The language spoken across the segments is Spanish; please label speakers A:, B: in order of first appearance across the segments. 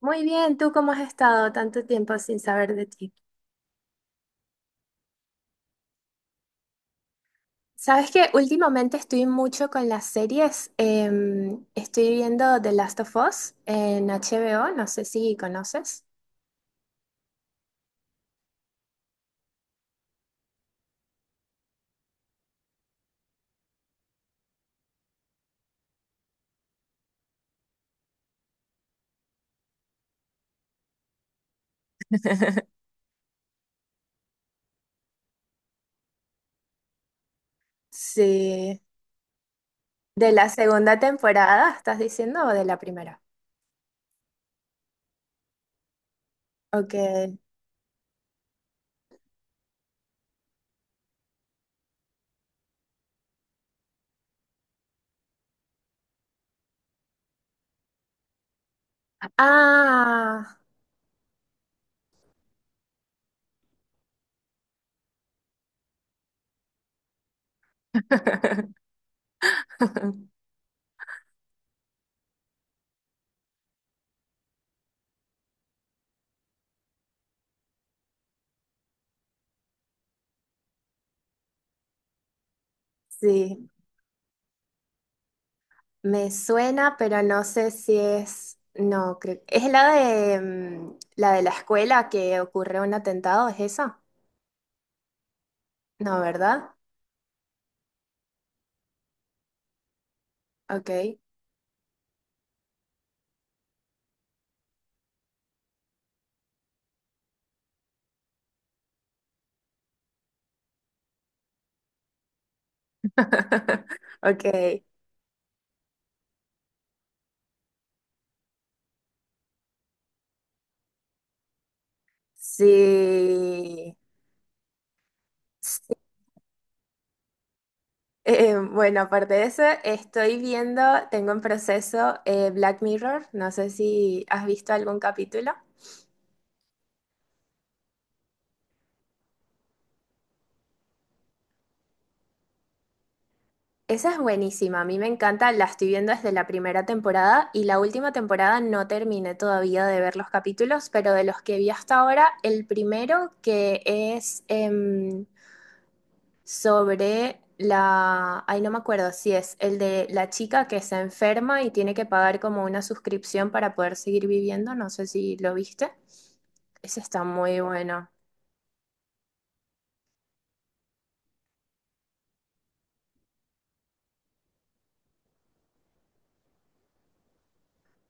A: Muy bien, ¿tú cómo has estado tanto tiempo sin saber de ti? Sabes que últimamente estoy mucho con las series. Estoy viendo The Last of Us en HBO, no sé si conoces. Sí. ¿De la segunda temporada estás diciendo o de la primera? Ok. Ah, sí. Me suena, pero no sé si es. No, creo. ¿Es la de la de la escuela que ocurre un atentado? ¿Es esa? No, ¿verdad? Ok. Ok, sí. Sí. Bueno, aparte de eso, estoy viendo, tengo en proceso Black Mirror, no sé si has visto algún capítulo. Esa es buenísima, a mí me encanta, la estoy viendo desde la primera temporada y la última temporada no terminé todavía de ver los capítulos, pero de los que vi hasta ahora, el primero que es sobre la, ay, no me acuerdo si es el de la chica que se enferma y tiene que pagar como una suscripción para poder seguir viviendo, no sé si lo viste. Ese está muy bueno.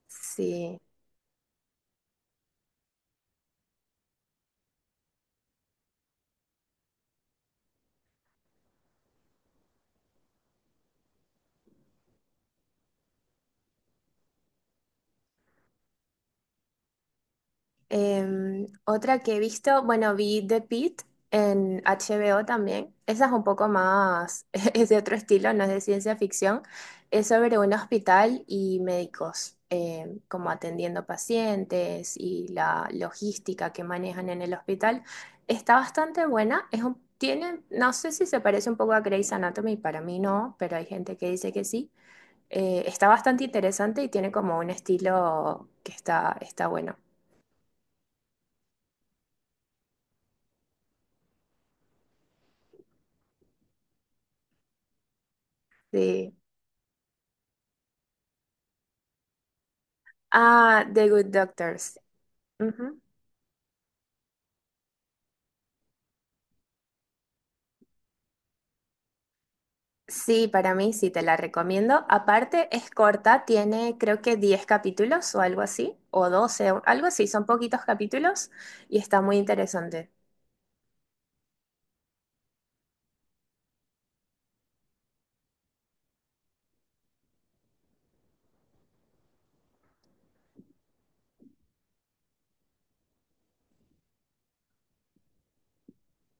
A: Sí. Em, otra que he visto, bueno, vi The Pitt en HBO también. Esa es un poco más, es de otro estilo, no es de ciencia ficción. Es sobre un hospital y médicos, como atendiendo pacientes y la logística que manejan en el hospital. Está bastante buena. Es un- tiene, no sé si se parece un poco a Grey's Anatomy, para mí no, pero hay gente que dice que sí. Está bastante interesante y tiene como un estilo que está, está bueno. Sí. Ah, The Good Doctors. Ujú. Sí, para mí sí te la recomiendo. Aparte, es corta, tiene creo que 10 capítulos o algo así, o 12 o algo así, son poquitos capítulos y está muy interesante.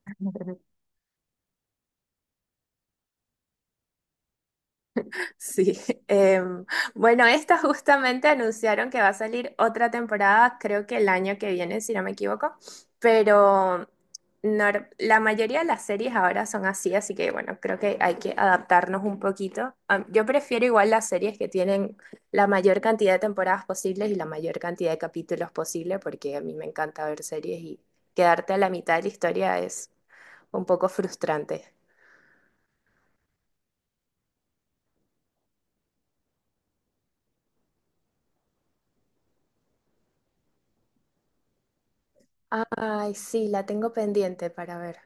A: Sí, em, bueno, esta justamente anunciaron que va a salir otra temporada, creo que el año que viene, si no me equivoco, pero nor- la mayoría de las series ahora son así, así que bueno, creo que hay que adaptarnos un poquito. Am, yo prefiero igual las series que tienen la mayor cantidad de temporadas posibles y la mayor cantidad de capítulos posible, porque a mí me encanta ver series y quedarte a la mitad de la historia es un poco frustrante. Ay, sí, la tengo pendiente para ver.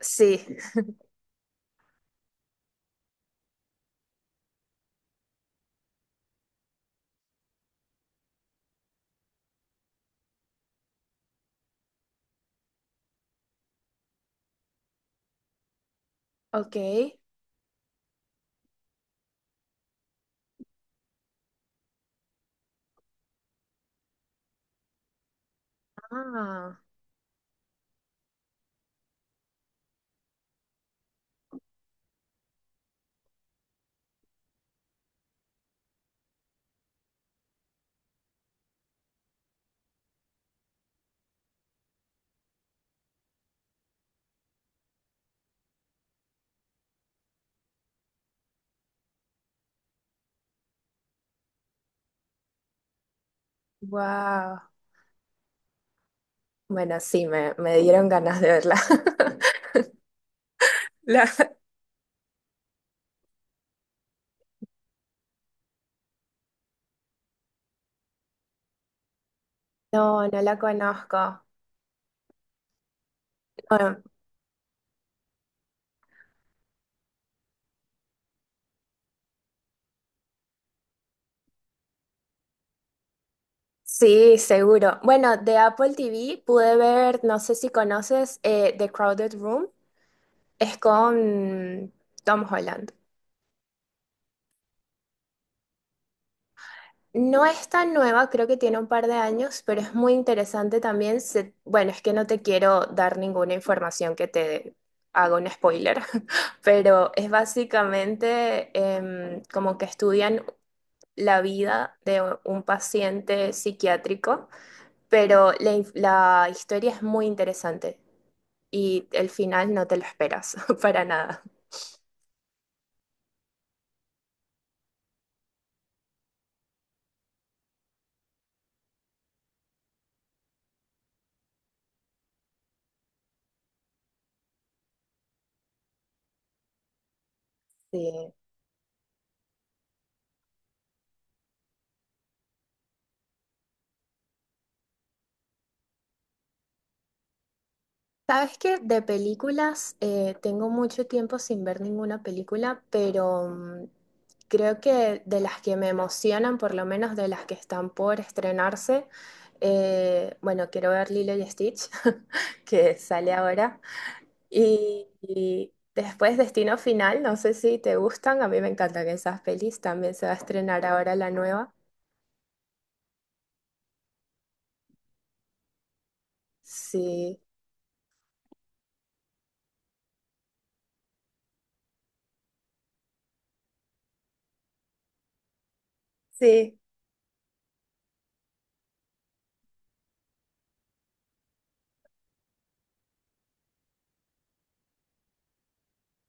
A: Sí, ok. Ah, wow. Bueno, sí, me dieron ganas de verla. La- No, no la conozco. Bueno, sí, seguro. Bueno, de Apple TV pude ver, no sé si conoces, The Crowded Room. Es con Tom Holland. No es tan nueva, creo que tiene un par de años, pero es muy interesante también. Se- bueno, es que no te quiero dar ninguna información que te haga un spoiler, pero es básicamente como que estudian la vida de un paciente psiquiátrico, pero la, inf- la historia es muy interesante y el final no te lo esperas para nada. Sí. Sabes que de películas tengo mucho tiempo sin ver ninguna película, pero mm, creo que de las que me emocionan, por lo menos de las que están por estrenarse, bueno, quiero ver Lilo y Stitch, que sale ahora, y después Destino Final, no sé si te gustan, a mí me encantan esas pelis, también se va a estrenar ahora la nueva. Sí, sí.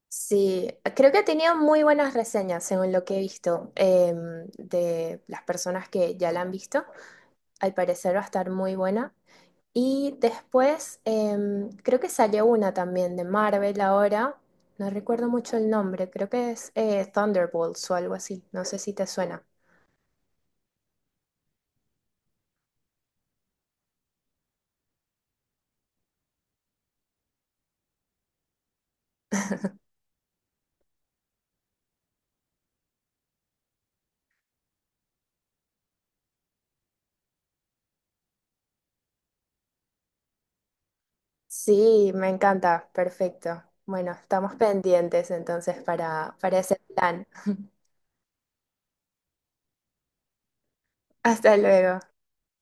A: Sí, creo que ha tenido muy buenas reseñas, según lo que he visto, de las personas que ya la han visto. Al parecer va a estar muy buena. Y después, creo que salió una también de Marvel ahora. No recuerdo mucho el nombre, creo que es Thunderbolts o algo así. No sé si te suena. Sí, me encanta, perfecto. Bueno, estamos pendientes entonces para ese plan. Hasta luego.